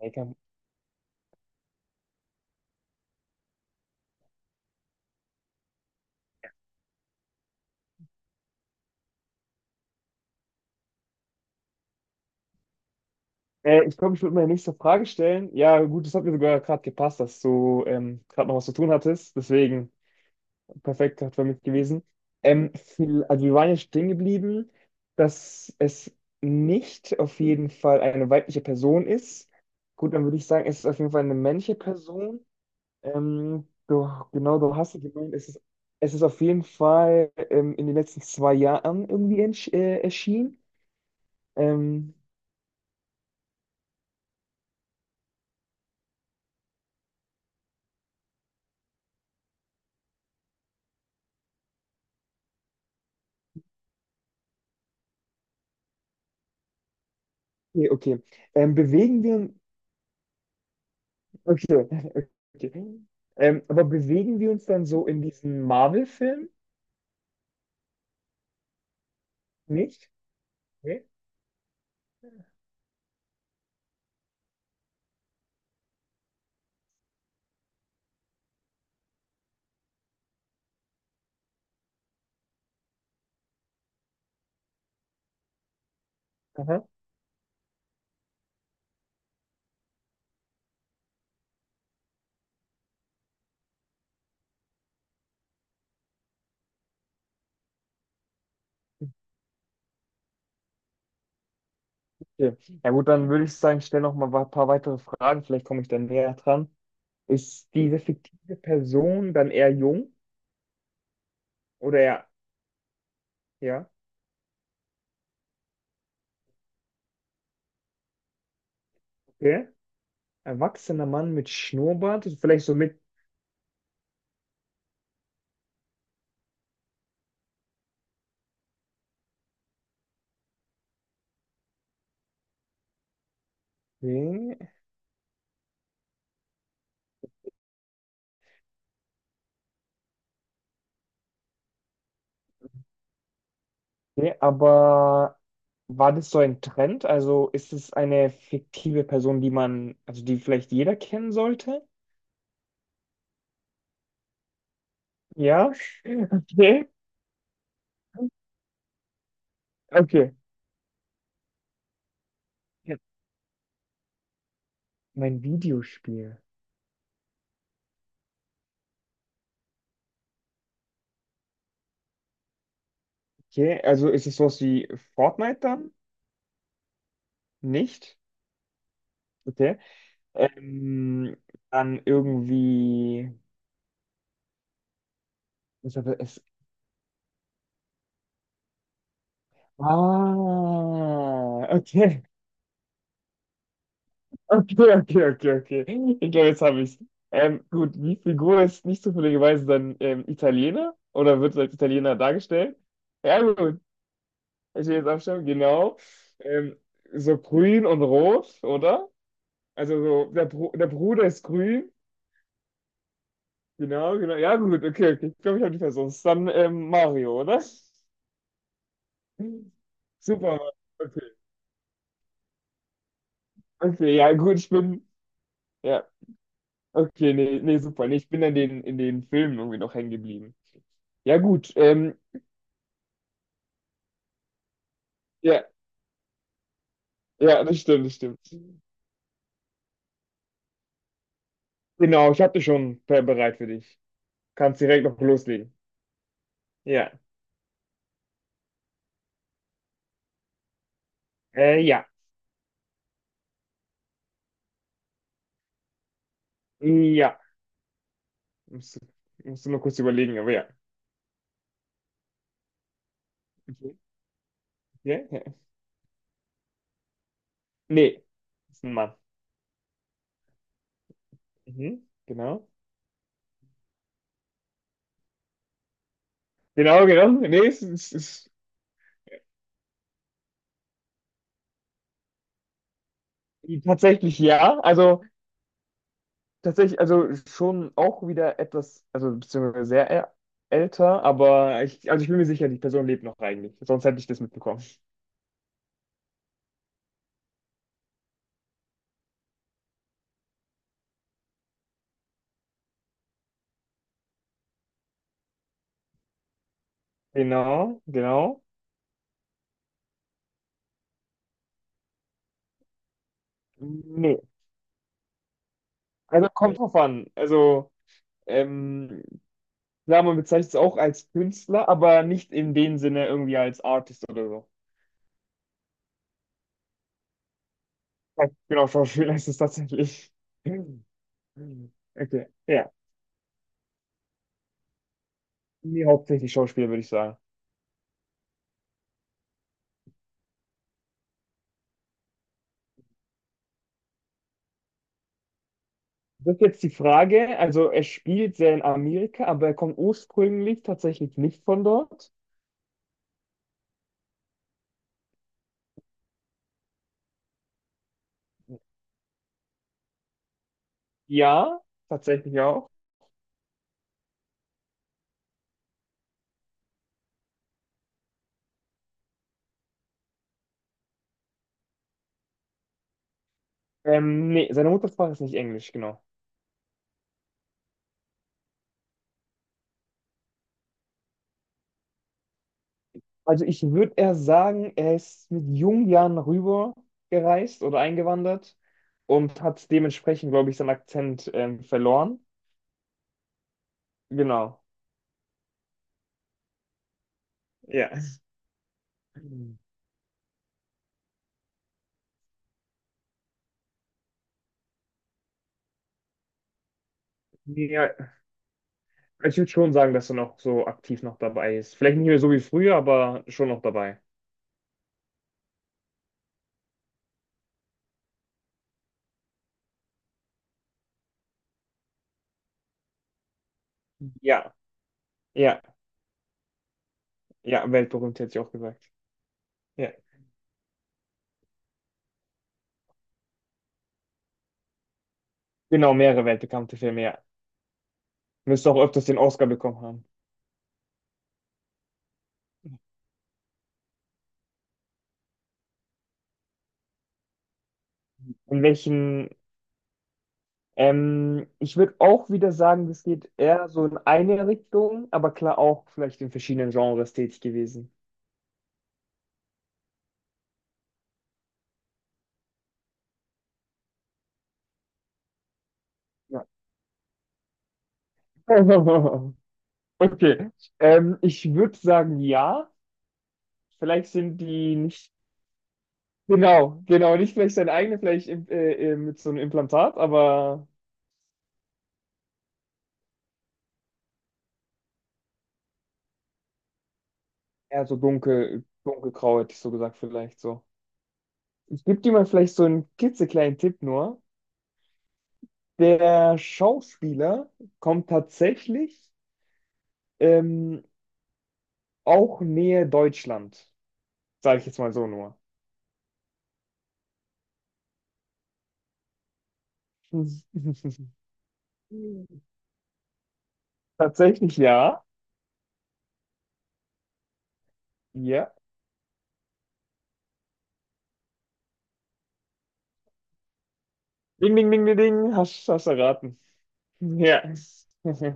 Hey, Cam. Ich glaube, ich würde meine nächste Frage stellen. Ja, gut, das hat mir sogar gerade gepasst, dass du gerade noch was zu tun hattest. Deswegen perfekt hat für mich gewesen. Viel, also wir waren ja stehen geblieben, dass es nicht auf jeden Fall eine weibliche Person ist. Gut, dann würde ich sagen, es ist auf jeden Fall eine männliche Person. Du, genau, du hast es gemeint, es ist auf jeden Fall in den letzten zwei Jahren irgendwie erschienen. Ähm, okay, okay. Bewegen wir okay, okay. Aber bewegen wir uns dann so in diesen Marvel-Film? Nicht? Nee? Aha. Okay. Ja gut, dann würde ich sagen, stell noch mal ein paar weitere Fragen, vielleicht komme ich dann näher dran. Ist diese fiktive Person dann eher jung oder eher, ja, okay. Erwachsener Mann mit Schnurrbart, vielleicht so mit, okay. Okay, aber war das so ein Trend? Also ist es eine fiktive Person, die man, also die vielleicht jeder kennen sollte? Ja, okay. Okay. Ja. Mein Videospiel. Okay, also ist es sowas wie Fortnite dann? Nicht? Okay. Ähm, Dann irgendwie. Was aber es. Ah, okay. Okay, okay, okay, okay. Ich glaube, jetzt habe ich es. Gut, die Figur ist nicht zufälligerweise dann Italiener oder wird als Italiener dargestellt? Ja, gut. Ich will jetzt abstimmen, genau. Ähm, so grün und rot, oder? Also so, der, Bru der Bruder ist grün. Genau, genau. Ja, gut, okay, okay. Ich glaube, ich habe die Person. Ist dann Mario, oder? Super, okay. Okay, ja, gut, ich bin. Ja, okay, nee, nee, super. Nee, ich bin in den Filmen irgendwie noch hängen geblieben. Ja, gut. Ja, ja, das stimmt, das stimmt. Genau, ich habe dich schon bereit für dich. Kannst direkt noch loslegen. Ja. Ja. Ja. Musst du nur kurz überlegen, aber ja. Okay. Ja, ja. Nee. Ist ein Mann. Mhm. Genau. Genau, genau. Nee, ist tatsächlich ja. Also tatsächlich, also schon auch wieder etwas, also beziehungsweise sehr älter, aber ich, also ich bin mir sicher, die Person lebt noch eigentlich. Sonst hätte ich das mitbekommen. Genau, genau. Nee. Also kommt drauf an. Also, ähm, klar, man bezeichnet es auch als Künstler, aber nicht in dem Sinne irgendwie als Artist oder so. Ja, genau, Schauspieler ist es tatsächlich. Okay, ja. Nee, hauptsächlich Schauspieler, würde ich sagen. Das ist jetzt die Frage. Also er spielt sehr in Amerika, aber er kommt ursprünglich tatsächlich nicht von dort. Ja, tatsächlich auch. Nee, seine Muttersprache ist nicht Englisch, genau. Also ich würde eher sagen, er ist mit jungen Jahren rüber gereist oder eingewandert und hat dementsprechend, glaube ich, seinen Akzent verloren. Genau. Ja. Ja, ich würde schon sagen, dass er noch so aktiv noch dabei ist. Vielleicht nicht mehr so wie früher, aber schon noch dabei. Ja, ja, ja, weltberühmt hätte ich auch gesagt. Ja, genau, mehrere weltbekannte Filme, ja. Müsste auch öfters den Oscar bekommen haben. In welchen, ich würde auch wieder sagen, das geht eher so in eine Richtung, aber klar auch vielleicht in verschiedenen Genres tätig gewesen. Ja. Okay, ich würde sagen, ja. Vielleicht sind die nicht, genau, genau, nicht vielleicht seine eigene, vielleicht mit so einem Implantat, aber eher so dunkel, dunkelgrau, hätte ich so gesagt, vielleicht so. Ich gebe dir mal vielleicht so einen klitzekleinen Tipp nur. Der Schauspieler kommt tatsächlich ähm, auch nähe Deutschland, sage ich jetzt mal so nur. Tatsächlich ja. Ja. Ding, ding, ding, ding, ding. Hast, hast erraten. Ja.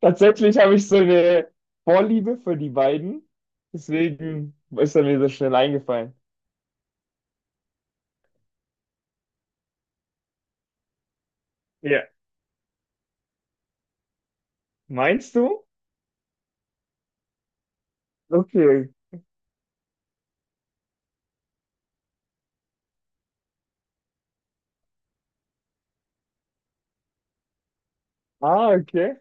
Tatsächlich habe ich so eine Vorliebe für die beiden. Deswegen ist er mir so schnell eingefallen. Ja. Meinst du? Okay. Ah, okay.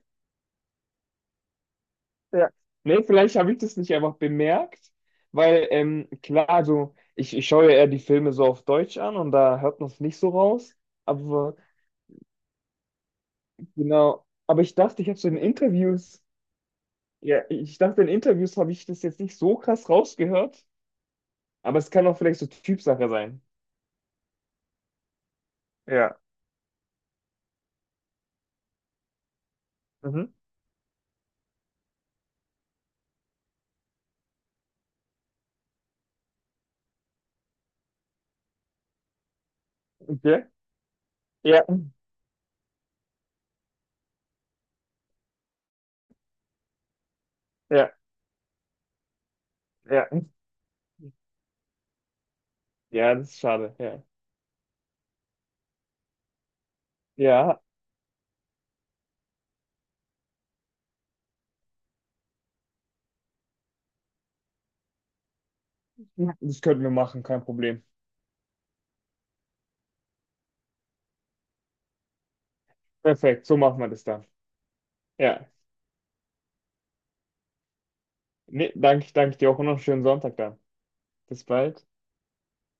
Ja. Nee, vielleicht habe ich das nicht einfach bemerkt, weil klar, so, ich schaue ja eher die Filme so auf Deutsch an und da hört man es nicht so raus. Aber genau, aber ich dachte, ich habe so in Interviews, ja, ich dachte, in Interviews habe ich das jetzt nicht so krass rausgehört, aber es kann auch vielleicht so Typsache sein. Ja. Mhm. Okay. Ja, ja, ja. Ja, das ist schade. Ja. Ja, das könnten wir machen, kein Problem. Perfekt, so machen wir das dann. Ja. Nee, danke, danke dir auch und noch einen schönen Sonntag dann. Bis bald.